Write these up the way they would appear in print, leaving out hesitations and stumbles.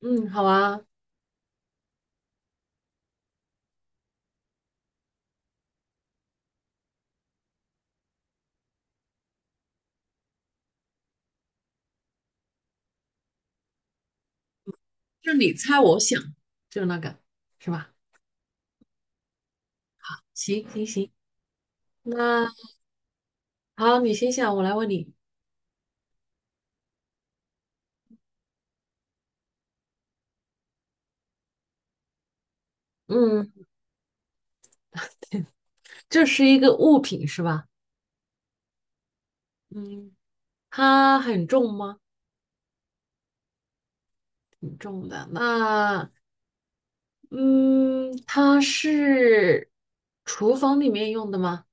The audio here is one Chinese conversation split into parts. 嗯，好啊，就你猜我想，就那个，是吧？行行行，那好，你先想，我来问你。嗯，这是一个物品是吧？嗯，它很重吗？挺重的。那嗯，它是厨房里面用的吗？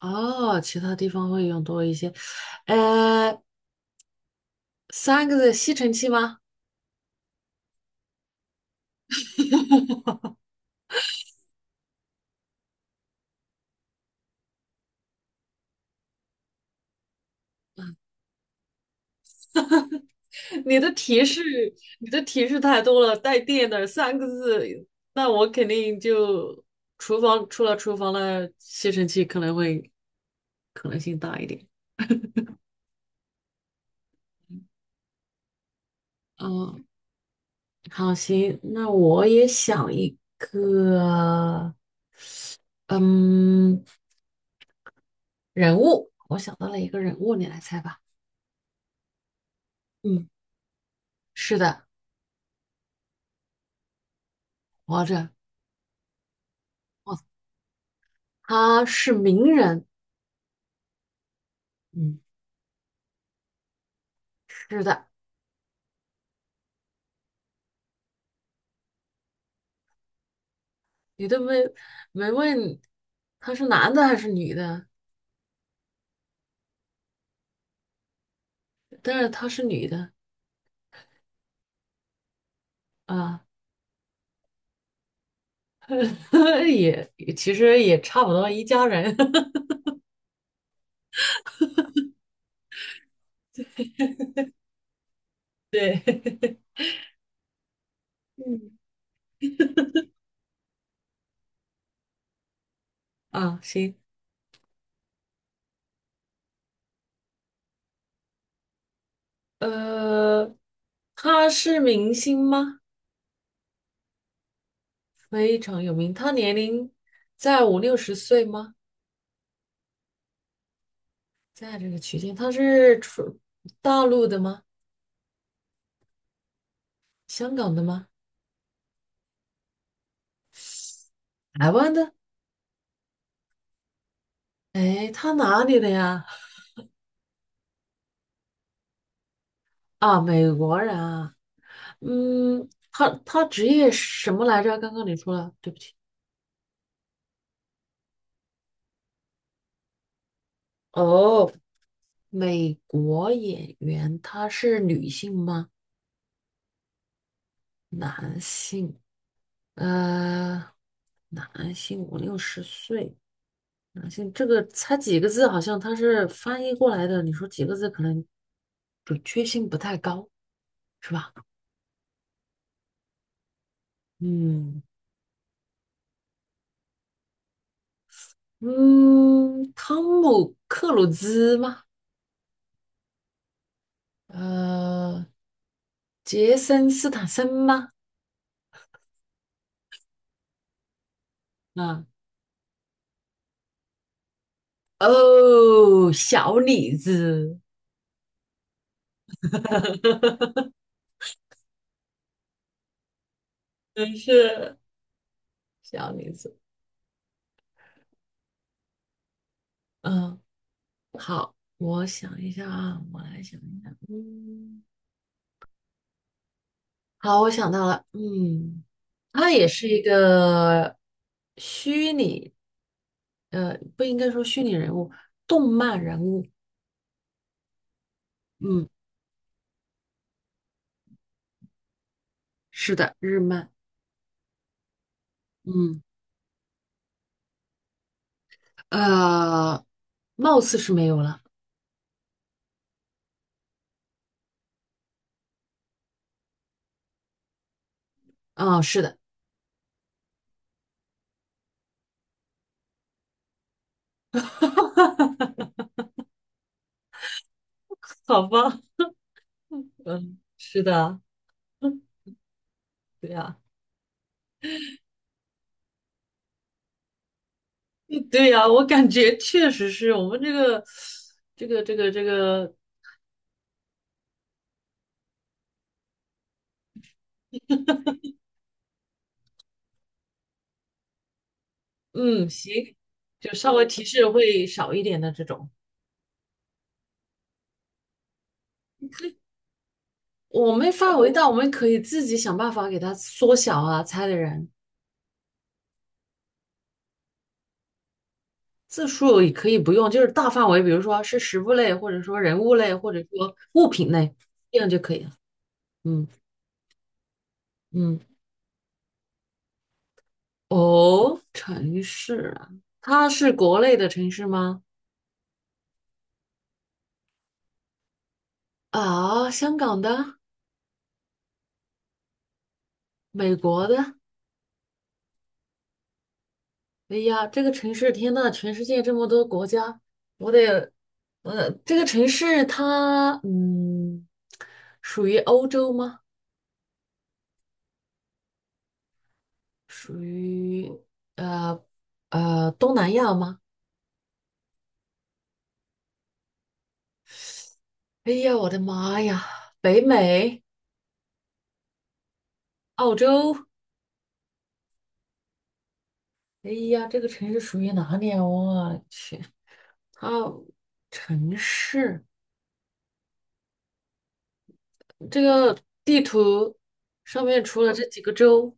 哦，其他地方会用多一些。呃，三个的吸尘器吗？你的提示，你的提示太多了，带电的三个字，那我肯定就厨房除了厨房的吸尘器可能性大一点。嗯，好，行，那我也想一个，嗯，人物，我想到了一个人物，你来猜吧。嗯，是的，活着，哦，他是名人。嗯，是的，你都没问他是男的还是女的。但是她是女的啊，也其实也差不多一家人 嗯，啊。行，呃，她是明星吗？非常有名。她年龄在五六十岁吗？在这个区间，她是出大陆的吗？香港的吗？台湾的？哎，她哪里的呀？啊，美国人啊。嗯，她职业是什么来着？刚刚你说了，对不起。哦，美国演员他是女性吗？男性，呃，男性五六十岁，男性这个猜几个字，好像他是翻译过来的。你说几个字，可能准确性不太高，是吧？嗯嗯，汤姆克鲁兹吗？呃，杰森斯坦森吗？啊，哦，小李子，真是小李子。嗯，好，我想一下啊，我来想一下。嗯，好，我想到了。嗯，他也是一个虚拟，不应该说虚拟人物，动漫人物。嗯，是的，日漫。嗯，呃，貌似是没有了。哦，是的，好吧。嗯，是的，对呀，嗯对呀，我感觉确实是我们这个。嗯，行，就稍微提示会少一点的这种。我们范围大，我们可以自己想办法给它缩小啊，猜的人字数也可以不用，就是大范围，比如说是食物类，或者说人物类，或者说物品类，这样就可以了。嗯嗯，哦，城市啊，它是国内的城市吗？啊，香港的，美国的，哎呀，这个城市，天呐，全世界这么多国家，我得，这个城市它，属于欧洲吗？属于呃东南亚吗？哎呀，我的妈呀，北美、澳洲，哎呀，这个城市属于哪里啊？我去，它城市这个地图上面除了这几个州，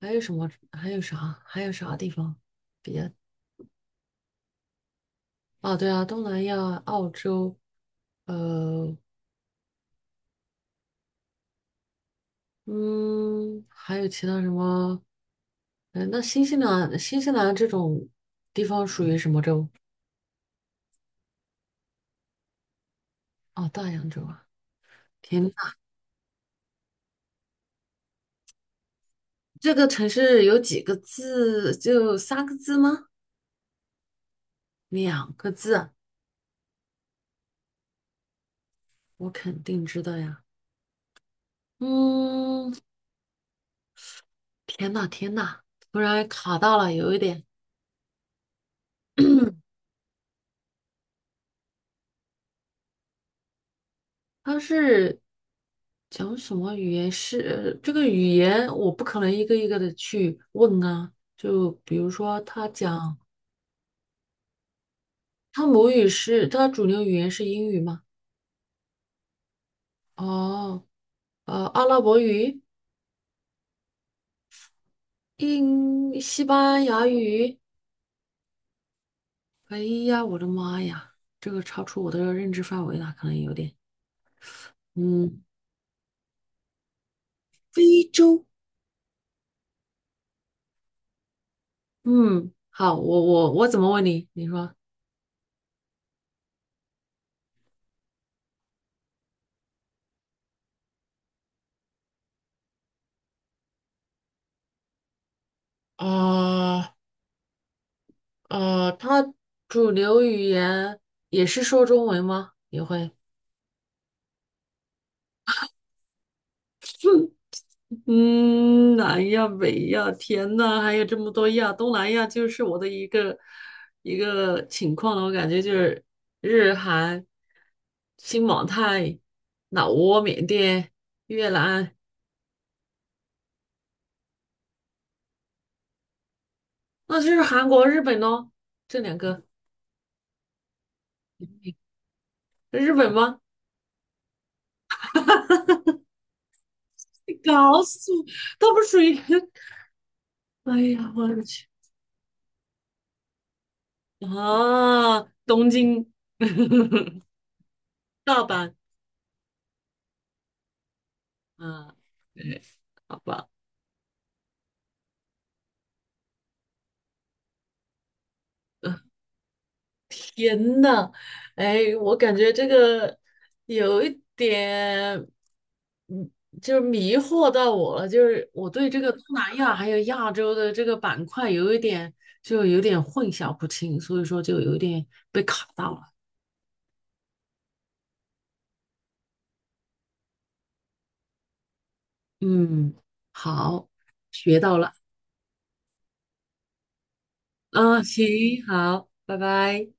还有什么？还有啥？还有啥地方？啊，对啊，东南亚、澳洲，呃，嗯，还有其他什么？那新西兰这种地方属于什么洲？哦，大洋洲啊！天呐，这个城市有几个字？就三个字吗？两个字，我肯定知道呀。嗯，天呐，天呐，突然卡到了，有一点，它是。讲什么语言是这个语言，我不可能一个一个的去问啊。就比如说，他讲他母语是他主流语言是英语吗？哦，阿拉伯语、英、西班牙语。哎呀，我的妈呀，这个超出我的认知范围了，可能有点。嗯非洲。嗯，好，我怎么问你？你说，啊他主流语言也是说中文吗？也会。嗯，南亚、北亚、天呐，还有这么多亚，东南亚就是我的一个情况了。我感觉就是日韩、新马泰、老挝、缅甸、越南，那就是韩国、日本咯。这两个，日本吗？你搞死我，它不属于。哎呀，我的去啊！东京、大阪啊，对，好吧。天呐，哎，我感觉这个有一点，嗯，就是迷惑到我了。就是我对这个东南亚还有亚洲的这个板块有一点，就有点混淆不清，所以说就有一点被卡到了。嗯，好，学到了。嗯，行，好，拜拜。